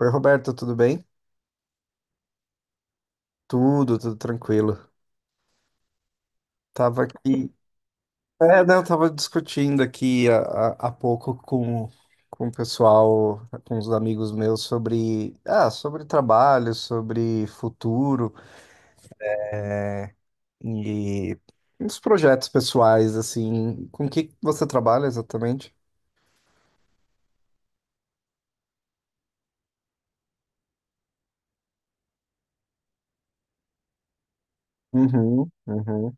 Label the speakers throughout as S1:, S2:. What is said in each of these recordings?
S1: Oi, Roberto, tudo bem? Tudo tranquilo. Tava aqui. Não, tava discutindo aqui há pouco com o pessoal, com os amigos meus, sobre, sobre trabalho, sobre futuro e uns projetos pessoais, assim. Com o que você trabalha exatamente? Uhum, uhum,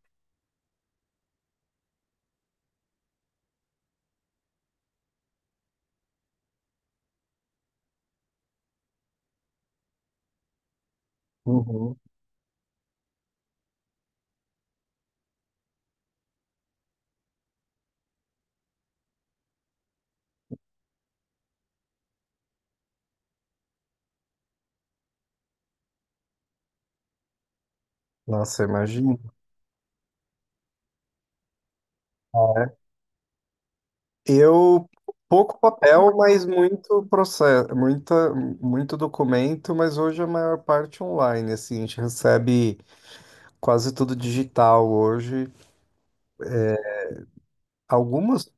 S1: uhum. Nossa, imagina. Eu pouco papel, mas muito processo, muito documento, mas hoje a maior parte online, assim, a gente recebe quase tudo digital hoje. Algumas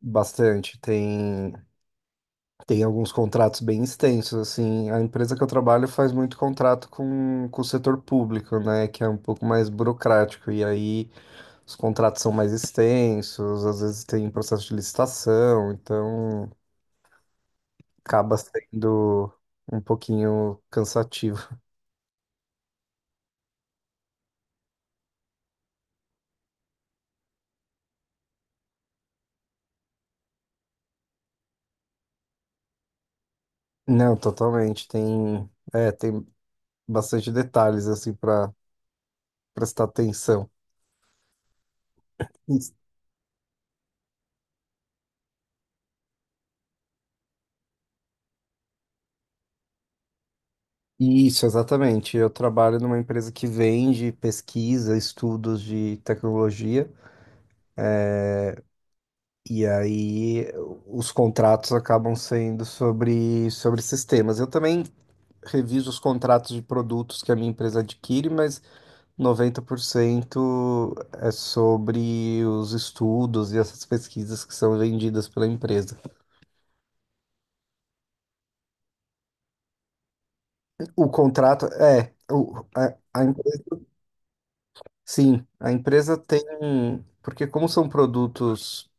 S1: bastante, tem alguns contratos bem extensos, assim. A empresa que eu trabalho faz muito contrato com o setor público, né, que é um pouco mais burocrático e aí os contratos são mais extensos, às vezes tem processo de licitação, então acaba sendo um pouquinho cansativo. Não, totalmente. Tem, é, tem bastante detalhes assim para prestar atenção. Isso, Isso, exatamente. Eu trabalho numa empresa que vende pesquisa, estudos de tecnologia, e aí os contratos acabam sendo sobre sistemas. Eu também reviso os contratos de produtos que a minha empresa adquire, mas 90% é sobre os estudos e essas pesquisas que são vendidas pela empresa. O contrato é, a sim, a empresa tem, porque como são produtos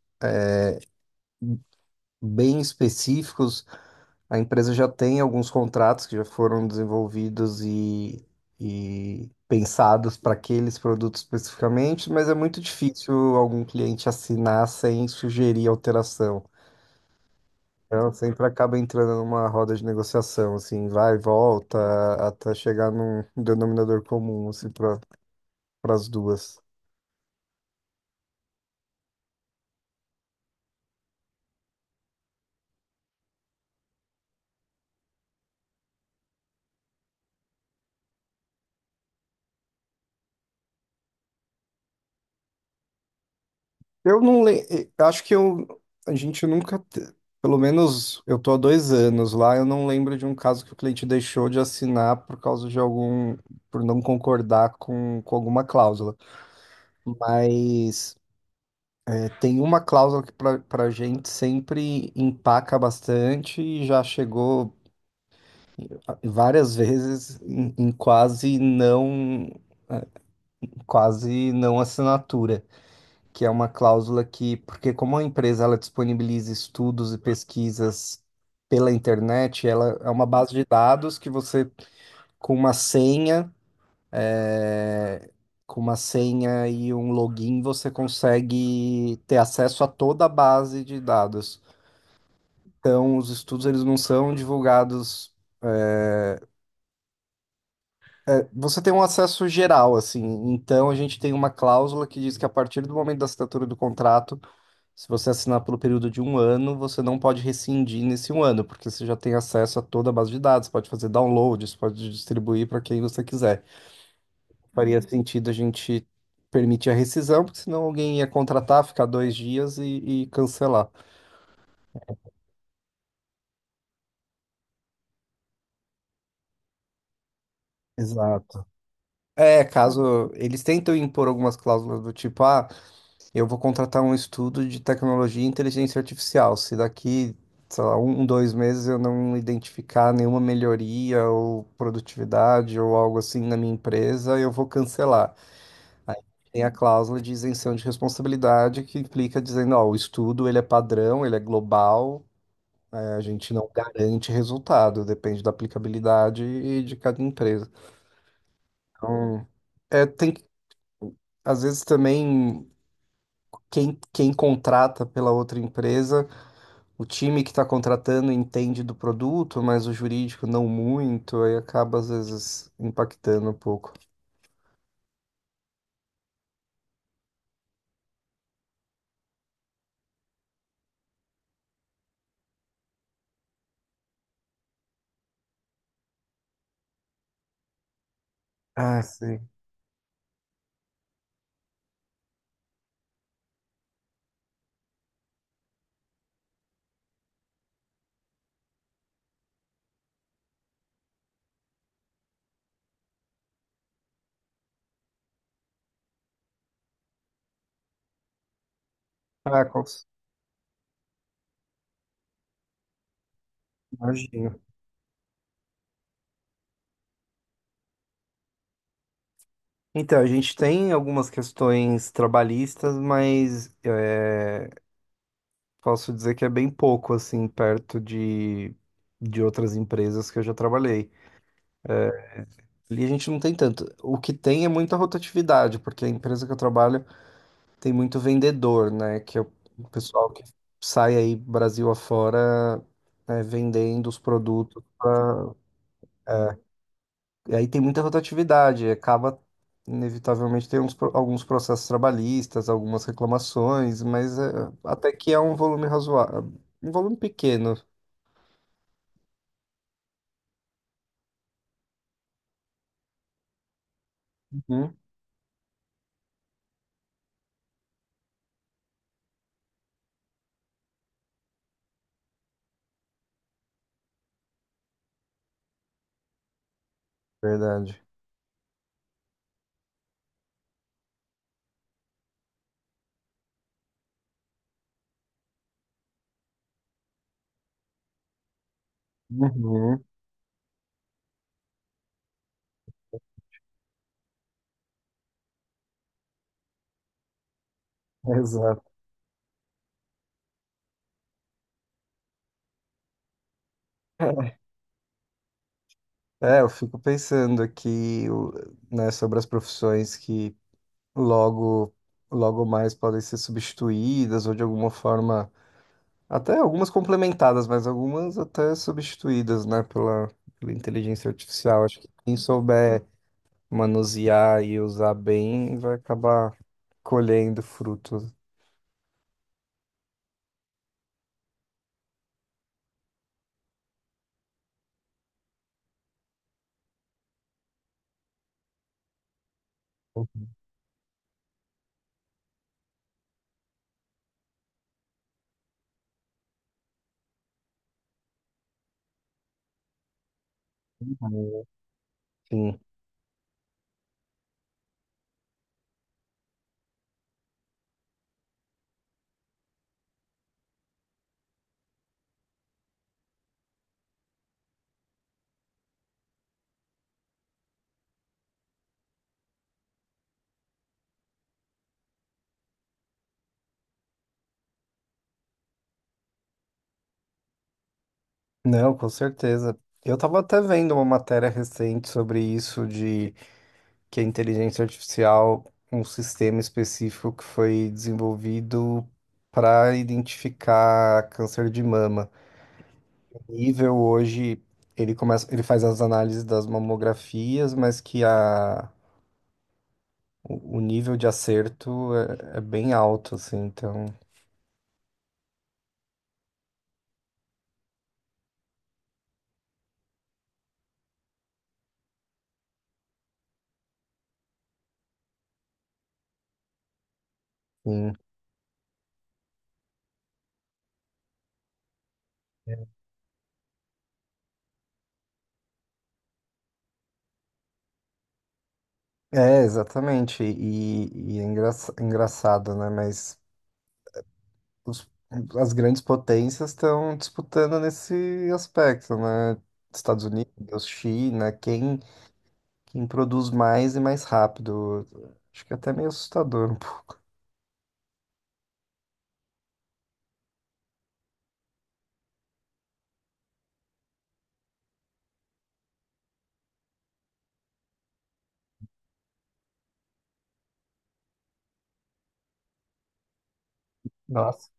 S1: bem específicos, a empresa já tem alguns contratos que já foram desenvolvidos e pensados para aqueles produtos especificamente, mas é muito difícil algum cliente assinar sem sugerir alteração. Ela sempre acaba entrando numa roda de negociação, assim, vai e volta, até chegar num denominador comum, assim, para as duas. Eu não lembro, acho que eu, a gente nunca, pelo menos eu tô há 2 anos lá, eu não lembro de um caso que o cliente deixou de assinar por causa de algum, por não concordar com alguma cláusula. Mas é, tem uma cláusula que para a gente sempre empaca bastante e já chegou várias vezes em, em quase não assinatura, que é uma cláusula que, porque como a empresa ela disponibiliza estudos e pesquisas pela internet, ela é uma base de dados que você com uma senha, eh, com uma senha e um login você consegue ter acesso a toda a base de dados. Então, os estudos eles não são divulgados. Você tem um acesso geral, assim. Então, a gente tem uma cláusula que diz que a partir do momento da assinatura do contrato, se você assinar pelo período de um ano, você não pode rescindir nesse um ano, porque você já tem acesso a toda a base de dados, pode fazer downloads, pode distribuir para quem você quiser. Faria sentido a gente permitir a rescisão, porque senão alguém ia contratar, ficar 2 dias e cancelar. Exato. É, caso eles tentam impor algumas cláusulas do tipo, ah. Eu vou contratar um estudo de tecnologia e inteligência artificial. Se daqui, sei lá, um, 2 meses eu não identificar nenhuma melhoria ou produtividade ou algo assim na minha empresa, eu vou cancelar. Aí tem a cláusula de isenção de responsabilidade que implica dizendo, ó, o estudo ele é padrão, ele é global, né, a gente não garante resultado, depende da aplicabilidade e de cada empresa. Então, é, tem, às vezes também quem, quem contrata pela outra empresa. O time que está contratando entende do produto, mas o jurídico não muito, aí acaba às vezes impactando um pouco. Ah, sim. Ah, imagino. Então, a gente tem algumas questões trabalhistas, mas é, posso dizer que é bem pouco, assim, perto de outras empresas que eu já trabalhei. Ali a gente não tem tanto. O que tem é muita rotatividade, porque a empresa que eu trabalho tem muito vendedor, né? Que é o pessoal que sai aí Brasil afora, né, vendendo os produtos. E aí tem muita rotatividade, acaba inevitavelmente tem uns, alguns processos trabalhistas, algumas reclamações, mas é, até que é um volume razoável, um volume pequeno. Uhum, verdade. Uhum, exato. É, eu fico pensando aqui, né, sobre as profissões que logo, logo mais podem ser substituídas ou de alguma forma até algumas complementadas, mas algumas até substituídas, né, pela, pela inteligência artificial. Acho que quem souber manusear e usar bem vai acabar colhendo frutos. Sim. Não, com certeza. Eu estava até vendo uma matéria recente sobre isso, de que a inteligência artificial, um sistema específico que foi desenvolvido para identificar câncer de mama. Nível hoje, ele começa, ele faz as análises das mamografias, mas que a, o nível de acerto é, é bem alto, assim, então, sim. É, exatamente, e é engraçado, né, mas os- as grandes potências estão disputando nesse aspecto, né, Estados Unidos, China, quem, quem produz mais e mais rápido, acho que é até meio assustador um pouco. Nossa,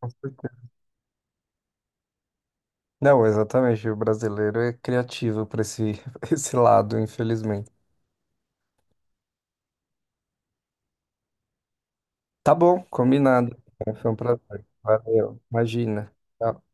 S1: não, exatamente. O brasileiro é criativo para esse, esse lado, infelizmente. Tá bom, combinado. Foi um prazer. Valeu. Imagina. Tchau.